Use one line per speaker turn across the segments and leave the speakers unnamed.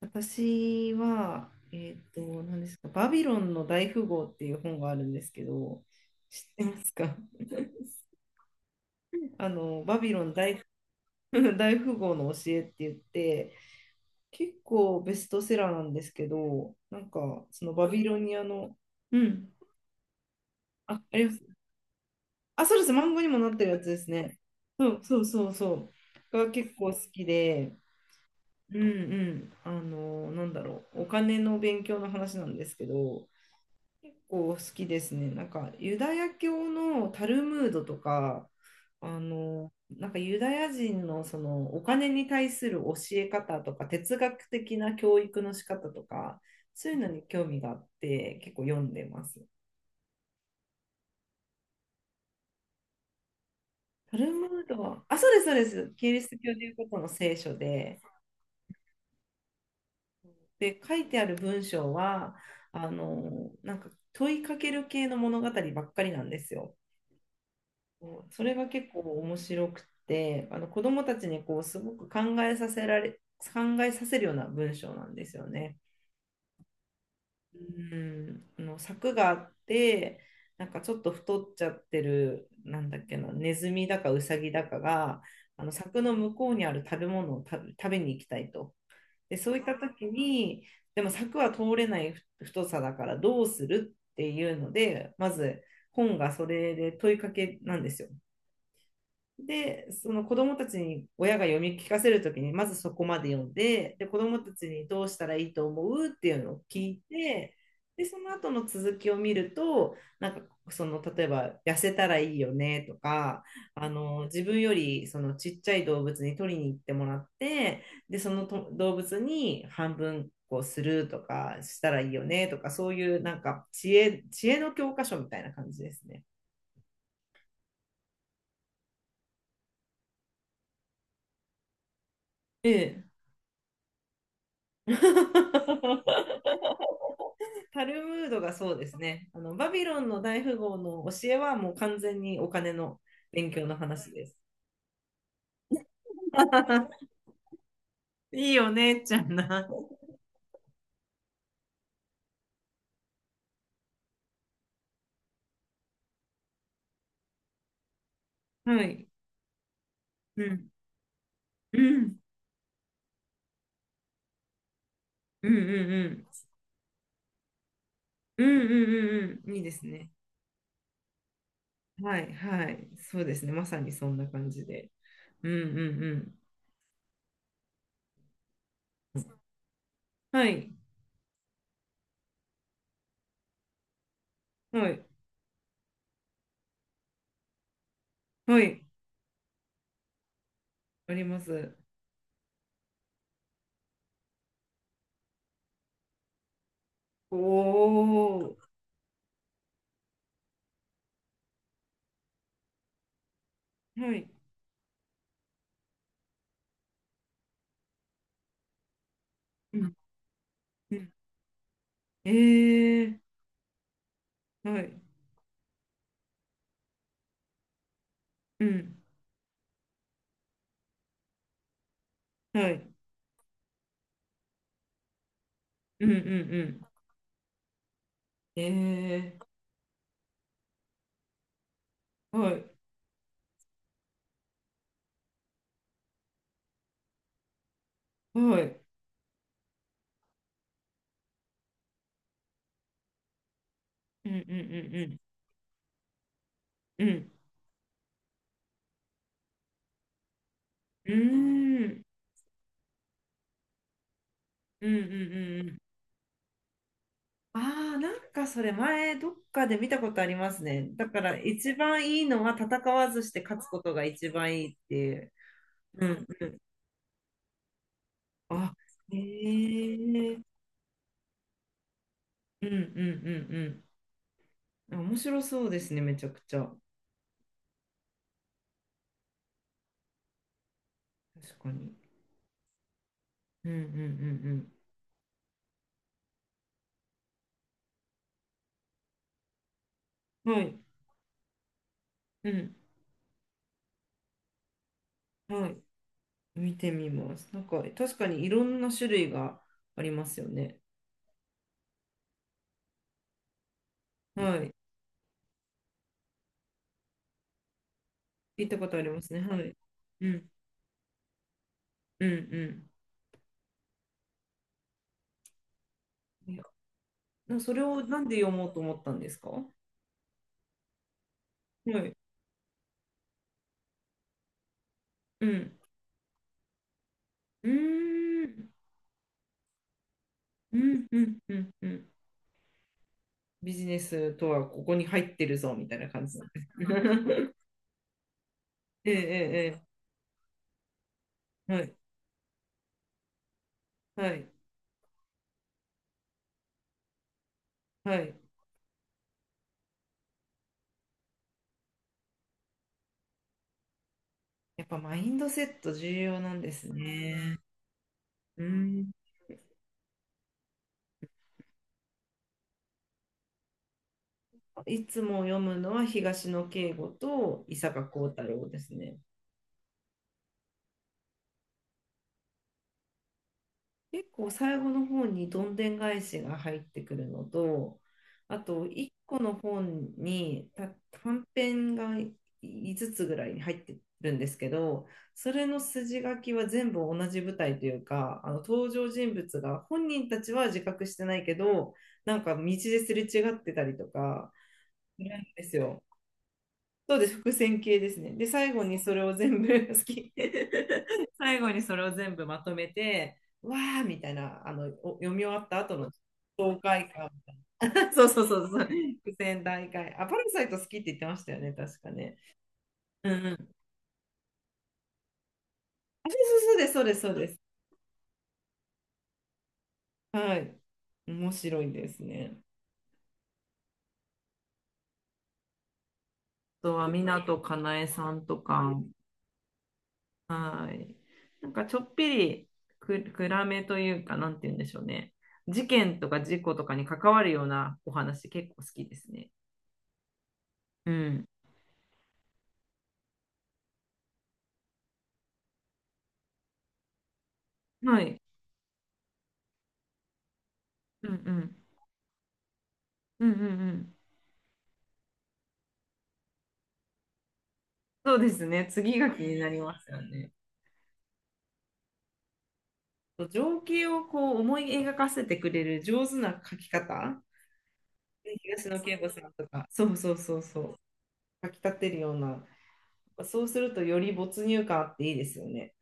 私は、何ですか、バビロンの大富豪っていう本があるんですけど、知ってますか？ バビロン大、大富豪の教えって言って、結構ベストセラーなんですけど、なんか、そのバビロニアの、うん、あ、あります。あ、そうです、漫画にもなってるやつですね。そうそうそうそう。が結構好きで、うんうん、なんだろう、お金の勉強の話なんですけど、構好きですね。なんかユダヤ教のタルムードとか、なんかユダヤ人のそのお金に対する教え方とか哲学的な教育の仕方とか、そういうのに興味があって結構読んでます。タルムードは、あ、そうです、そうです。キリスト教ということの聖書で、で、書いてある文章は、なんか問いかける系の物語ばっかりなんですよ。こうそれが結構面白くて、あの子どもたちにこうすごく考えさせるような文章なんですよね。うん、あの柵があって、なんかちょっと太っちゃってる、なんだっけな、ネズミだかウサギだかが、あの柵の向こうにある物を食べ、食べに行きたいと。で、そういった時に、でも柵は通れないふ太さだからどうするっていうので、まず本がそれで問いかけなんですよ。で、その子供たちに親が読み聞かせるときに、まずそこまで読んで、で、子供たちにどうしたらいいと思うっていうのを聞いて、で、その後の続きを見ると、なんか、その、例えば、痩せたらいいよねとか、自分より、その、ちっちゃい動物に取りに行ってもらって、で、そのと動物に半分、こうするとかしたらいいよねとか、そういうなんか知恵の教科書みたいな感じですね。ええ。タルムードがそうですね。あのバビロンの大富豪の教えはもう完全にお金の勉強の話です。いいお姉ちゃんな。はい。うん。うん。うんうんうん。うんうんうんうん。いいですね。はいはい。そうですね。まさにそんな感じで。うんうんうん。はい。はい。はい。あります。おお。はい。うん。うんええーはい。うん。はい。うんうんうん。ええーはい。はい。うんうんうんうん。うん。うーん。うんうんうんうん。ああ、なんかそれ前どっかで見たことありますね。だから一番いいのは戦わずして勝つことが一番いいっていう。うんうん。あ、へえ。うんうんうんうん。面白そうですね、めちゃくちゃ。確かに。うんうんうんうん。はい。うん。はい。見てみます。なんか確かにいろんな種類がありますよね。はい。聞いたことありますね。はい。うん、うん、うん。いや、それをなんで読もうと思ったんですか？はい。うん。うーん。うん、うん、うん、うん。ビジネスとはここに入ってるぞみたいな感じなんです。ええ、ええ、ええはい、はい、はい。やっぱマインドセット重要なんですね。うん。いつも読むのは東野圭吾と伊坂幸太郎ですね。結構最後の方にどんでん返しが入ってくるのと、あと1個の本にた短編が5つつぐらいに入ってるんですけど、それの筋書きは全部同じ舞台というか、あの登場人物が本人たちは自覚してないけど、なんか道ですれ違ってたりとかするんですよ。そうです、伏線系ですね。で、最後にそれを全部 好き。最後にそれを全部まとめて、わーみたいな、お読み終わった後の爽快感。そうそうそうそう。伏線大会。あ、パラサイト好きって言ってましたよね、確かね。うんうん。あ、そうそうそうです、そうです、そうです。はい。面白いですね。あとは、湊かなえさんとか、はい。なんかちょっぴり暗めというか、なんて言うんでしょうね。事件とか事故とかに関わるようなお話結構好きですね。うん。はい。うんうん。うんうんうん。そうですね。次が気になりますよね。情景をこう思い描かせてくれる上手な描き方。東野圭吾さんとか。そうそうそうそう。描き立てるような。そうするとより没入感あっていいですよね。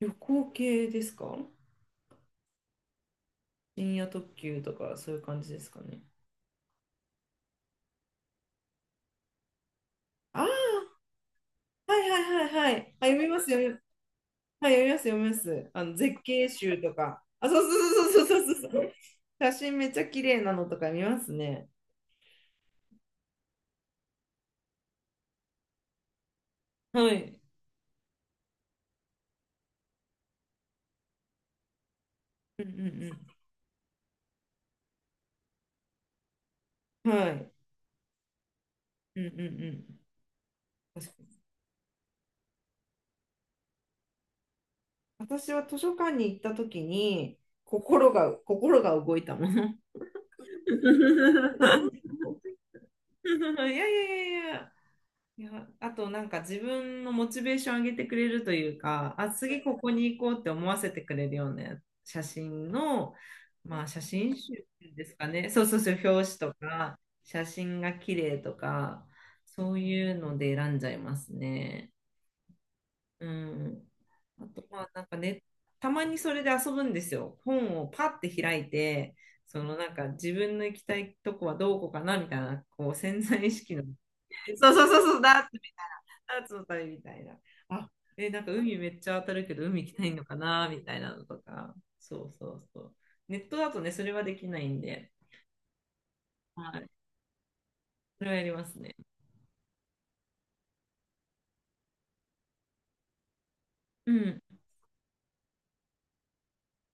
旅行系ですか？深夜特急とかそういう感じですかね。ああ、はいはいはいはい。あ、読みます、読み、はい、読みます、読みます。絶景集とか。あ、そうそうそうそうそうそうそう。写真めっちゃ綺麗なのとか見ますね。はい。うんうんうん。はい。うんうんうん。確かに。私は図書館に行った時に、心が動いたもの。いやいやいやいや。いや、あとなんか自分のモチベーション上げてくれるというか、あ、次ここに行こうって思わせてくれるような写真の、まあ写真集ですかね。そうそうそう、表紙とか、写真が綺麗とか、そういうので選んじゃいますね。うん。あとまあなんかね、たまにそれで遊ぶんですよ。本をパッて開いて、そのなんか自分の行きたいとこはどこかなみたいな、こう潜在意識の、そうそうそうそうだアーツの旅みたいな。あ、え、なんか海めっちゃ当たるけど、海行きたいのかなみたいなのとか。そうそうそう。ネットだとね、それはできないんで、はい。それはやりますね。うん。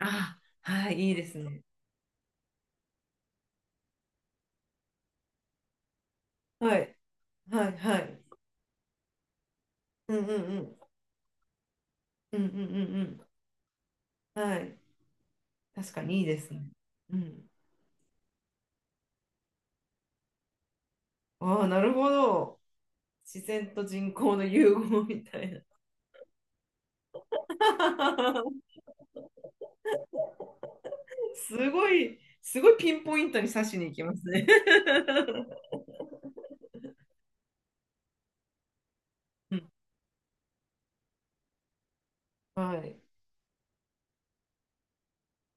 あ、はい、いいですね。はい、はい、はい。うんうんうん。うんうんうんうん。はい。確かにいいですね。うん。ああ、なるほど。自然と人工の融合みたいな。すごい、すごいピンポイントに刺しに行きますね。うん、はい。